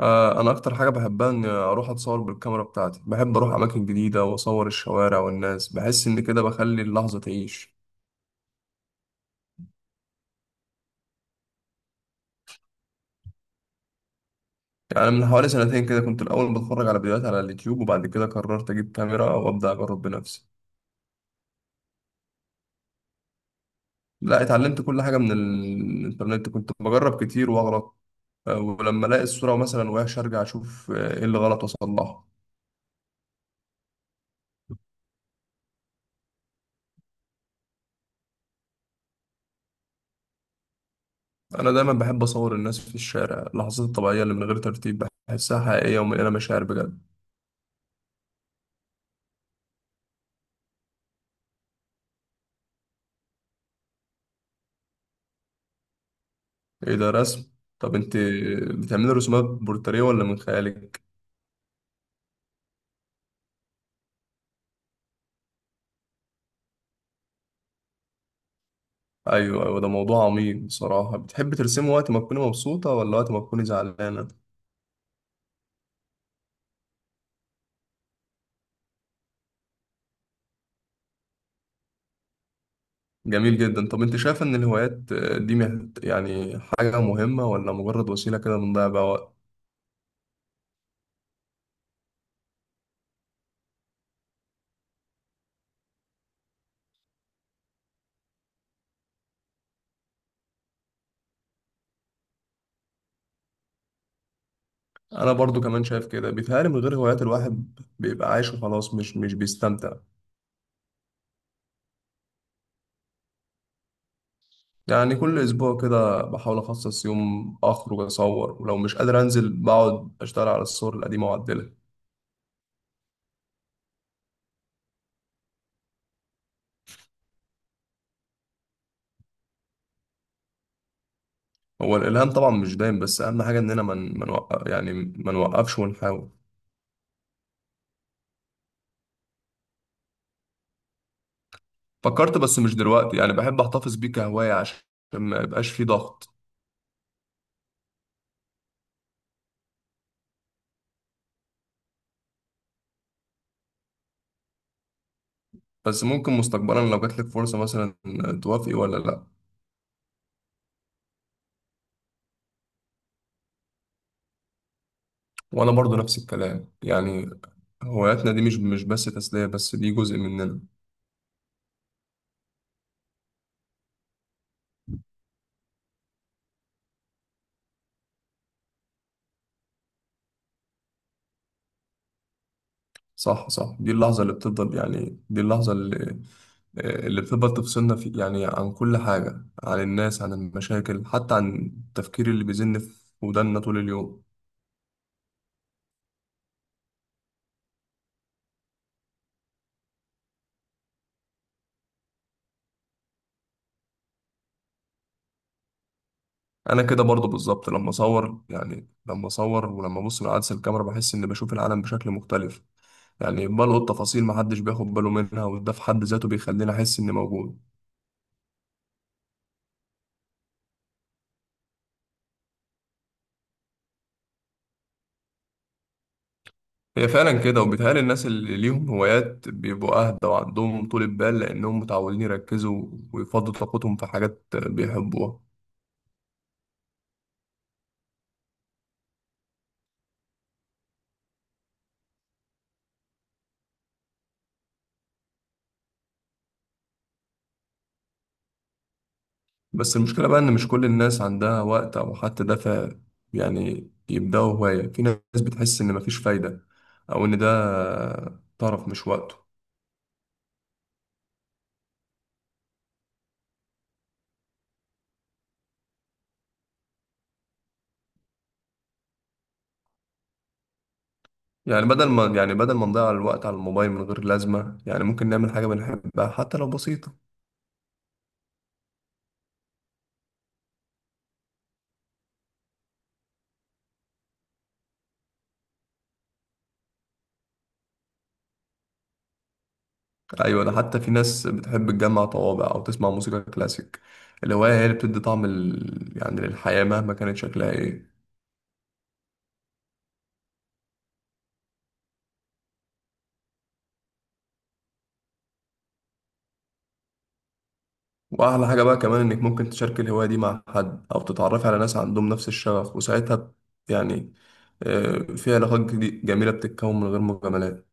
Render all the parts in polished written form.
آه، انا اكتر حاجه بحبها اني اروح اتصور بالكاميرا بتاعتي. بحب اروح اماكن جديده واصور الشوارع والناس، بحس ان كده بخلي اللحظه تعيش. يعني من حوالي سنتين كده كنت الاول بتفرج على فيديوهات على اليوتيوب، وبعد كده قررت اجيب كاميرا وابدا اجرب بنفسي. لا، اتعلمت كل حاجه من الانترنت، كنت بجرب كتير واغلط. ولما الاقي الصوره مثلا وحشه ارجع اشوف ايه اللي غلط واصلحه. انا دايما بحب اصور الناس في الشارع، اللحظات الطبيعيه اللي من غير ترتيب بحسها حقيقيه ومليانه مشاعر بجد. ايه ده؟ رسم؟ طب انت بتعملي رسومات بورتريه ولا من خيالك؟ ايوه ايوه، ده موضوع عميق بصراحه. بتحب ترسمي وقت ما تكوني مبسوطه ولا وقت ما تكوني زعلانه؟ جميل جدا. طب انت شايفه ان الهوايات دي يعني حاجه مهمه ولا مجرد وسيله كده بنضيع بيها وقت؟ انا برضو كمان شايف كده، بيتهيألي من غير هوايات الواحد بيبقى عايش وخلاص، مش بيستمتع. يعني كل اسبوع كده بحاول اخصص يوم اخرج اصور، ولو مش قادر انزل بقعد اشتغل على الصور القديمه واعدلها. هو الالهام طبعا مش دايم، بس اهم حاجه اننا من وقف، يعني ما نوقفش ونحاول. فكرت، بس مش دلوقتي، يعني بحب احتفظ بيه كهوايه عشان ما يبقاش فيه ضغط. بس ممكن مستقبلا لو جات لك فرصه مثلا توافقي ولا لا؟ وانا برضو نفس الكلام يعني، هواياتنا دي مش بس تسليه، بس دي جزء مننا. صح صح، دي اللحظه اللي بتفضل، يعني دي اللحظه اللي بتفضل تفصلنا في، يعني عن كل حاجه، عن الناس، عن المشاكل، حتى عن التفكير اللي بيزن في ودانا طول اليوم. انا كده برضو بالظبط، لما اصور يعني لما اصور ولما ابص من عدسه الكاميرا بحس اني بشوف العالم بشكل مختلف. يعني بلقط تفاصيل محدش بياخد باله منها، وده في حد ذاته بيخليني احس اني موجود. هي فعلا كده، وبيتهيألي الناس اللي ليهم هوايات بيبقوا اهدى وعندهم طول بال، لانهم متعودين يركزوا ويفضوا طاقتهم في حاجات بيحبوها. بس المشكله بقى ان مش كل الناس عندها وقت او حتى دافع، يعني يبداوا هوايه. في ناس بتحس ان مفيش فايده، او ان ده طرف مش وقته. يعني بدل ما نضيع الوقت على الموبايل من غير لازمة، يعني ممكن نعمل حاجة بنحبها حتى لو بسيطة. أيوة، ده حتى في ناس بتحب تجمع طوابع أو تسمع موسيقى كلاسيك. الهواية هي اللي بتدي طعم يعني للحياة مهما كانت شكلها إيه. وأحلى حاجة بقى كمان إنك ممكن تشاركي الهواية دي مع حد أو تتعرفي على ناس عندهم نفس الشغف، وساعتها يعني في علاقات جميلة بتتكون من غير مجاملات.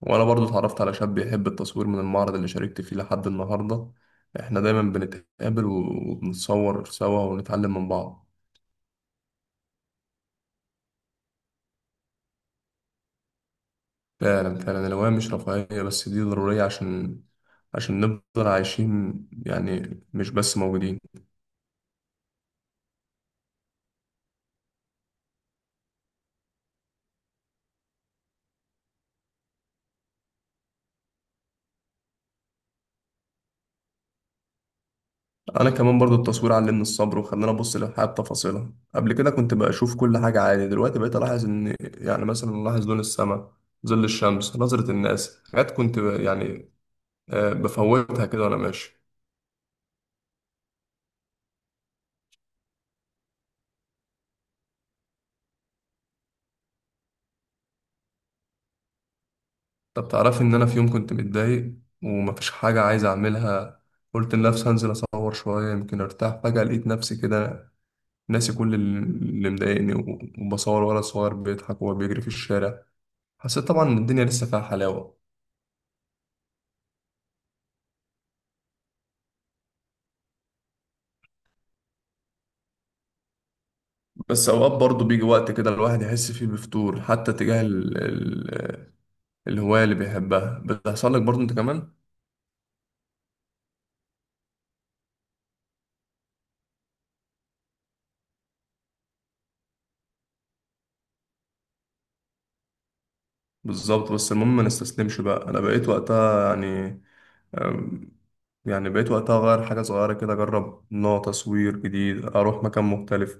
وانا برضو اتعرفت على شاب بيحب التصوير من المعرض اللي شاركت فيه لحد النهارده. احنا دايما بنتقابل وبنتصور سوا ونتعلم من بعض. فعلا فعلا، الهواية مش رفاهية بس، دي ضرورية عشان نفضل عايشين، يعني مش بس موجودين. انا كمان برضو التصوير علمني الصبر وخلاني ابص للحياة بتفاصيلها. قبل كده كنت بشوف كل حاجة عادي، دلوقتي بقيت الاحظ ان، يعني مثلا، الاحظ لون السماء، ظل الشمس، نظرة الناس، حاجات كنت يعني بفوتها كده وانا ماشي. طب تعرفي ان انا في يوم كنت متضايق ومفيش حاجة عايز اعملها، قلت لنفسي هنزل اصور شوية يمكن ارتاح. فجأة لقيت نفسي كده ناسي كل اللي مضايقني وبصور ولد صغير بيضحك وهو بيجري في الشارع. حسيت طبعا ان الدنيا لسه فيها حلاوة. بس اوقات برضه بيجي وقت كده الواحد يحس فيه بفتور، حتى تجاه الهواية اللي بيحبها. بتحصل لك برضه انت كمان. بالظبط، بس المهم ما نستسلمش بقى. انا بقيت وقتها يعني يعني بقيت وقتها أغير حاجة صغيرة كده، أجرب نوع تصوير جديد، أروح مكان مختلف،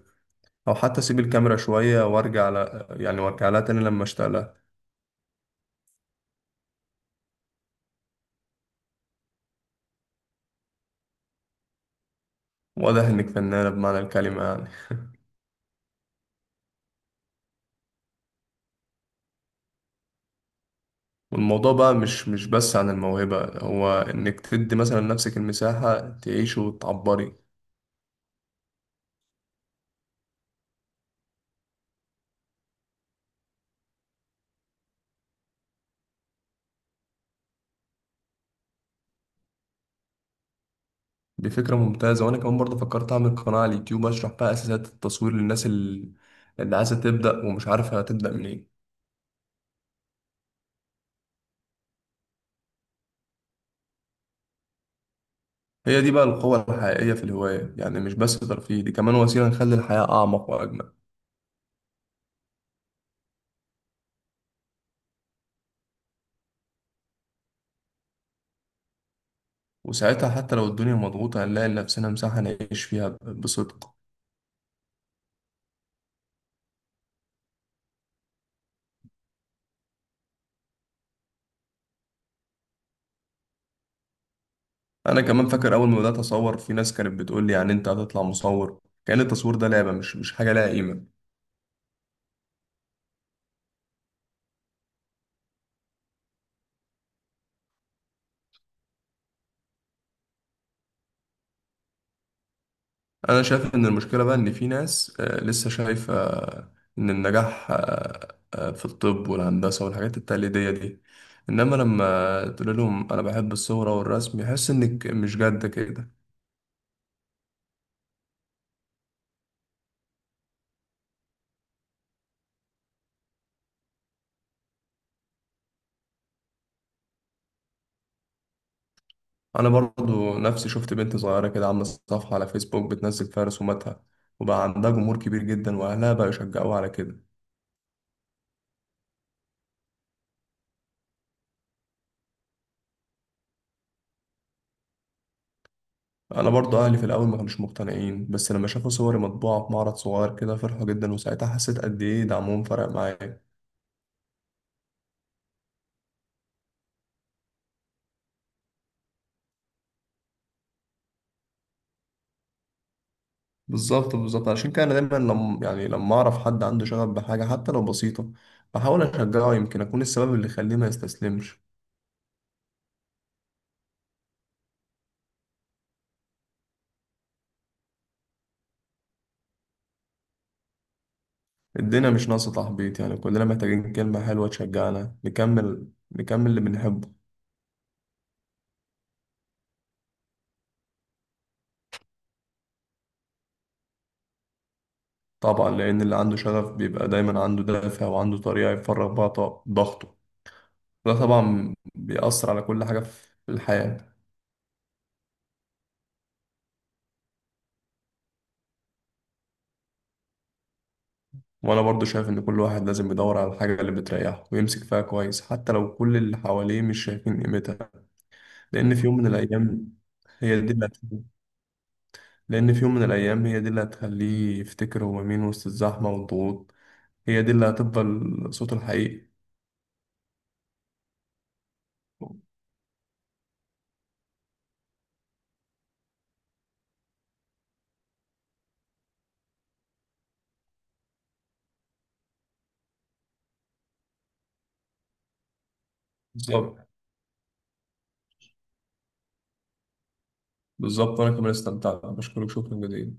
أو حتى أسيب الكاميرا شوية وأرجع على يعني وأرجع لها تاني لما أشتغلها. وأده إنك فنانة بمعنى الكلمة يعني. والموضوع بقى مش بس عن الموهبة، هو إنك تدي مثلا لنفسك المساحة تعيش وتعبري. دي فكرة ممتازة. وأنا كمان برضه فكرت أعمل قناة على اليوتيوب أشرح بقى أساسات التصوير للناس اللي عايزة تبدأ ومش عارفة هتبدأ منين. هي دي بقى القوة الحقيقية في الهواية، يعني مش بس ترفيه، دي كمان وسيلة نخلي الحياة أعمق وأجمل. وساعتها حتى لو الدنيا مضغوطة هنلاقي لنفسنا مساحة نعيش فيها بصدق. أنا كمان فاكر أول ما بدأت أصور في ناس كانت بتقول لي، يعني أنت هتطلع مصور؟ كأن التصوير ده لعبة، مش حاجة لها قيمة. أنا شايف إن المشكلة بقى إن في ناس لسه شايفة إن النجاح في الطب والهندسة والحاجات التقليدية دي، إنما لما تقول لهم أنا بحب الصورة والرسم يحس إنك مش جد كده. انا برضو نفسي شفت بنت صغيره كده عامله صفحه على فيسبوك بتنزل فيها رسوماتها، وبقى عندها جمهور كبير جدا، واهلها بقى يشجعوها على كده. انا برضو اهلي في الاول ما كانوش مقتنعين، بس لما شافوا صوري مطبوعه في معرض صغير كده فرحوا جدا، وساعتها حسيت قد ايه دعمهم فرق معايا. بالظبط بالظبط، عشان كده انا دايما يعني لما اعرف حد عنده شغف بحاجه حتى لو بسيطه بحاول اشجعه، يمكن اكون السبب اللي يخليه ما يستسلمش. الدنيا مش ناقصه تحبيط، يعني كلنا محتاجين كلمه حلوه تشجعنا نكمل نكمل اللي بنحبه. طبعا، لأن اللي عنده شغف بيبقى دايما عنده دافع وعنده طريقة يفرغ بيها ضغطه. ده طبعا بيأثر على كل حاجة في الحياة. وأنا برضو شايف إن كل واحد لازم يدور على الحاجة اللي بتريحه ويمسك فيها كويس حتى لو كل اللي حواليه مش شايفين قيمتها. لأن في يوم من الأيام هي دي اللي هتخليه. لأن في يوم من الأيام هي دي اللي هتخليه يفتكر هو مين وسط الزحمة والضغوط. هي دي اللي هتفضل صوته الحقيقي. بالظبط بالظبط، وأنا كمان استمتعت. بشكرك شكرا جزيلا.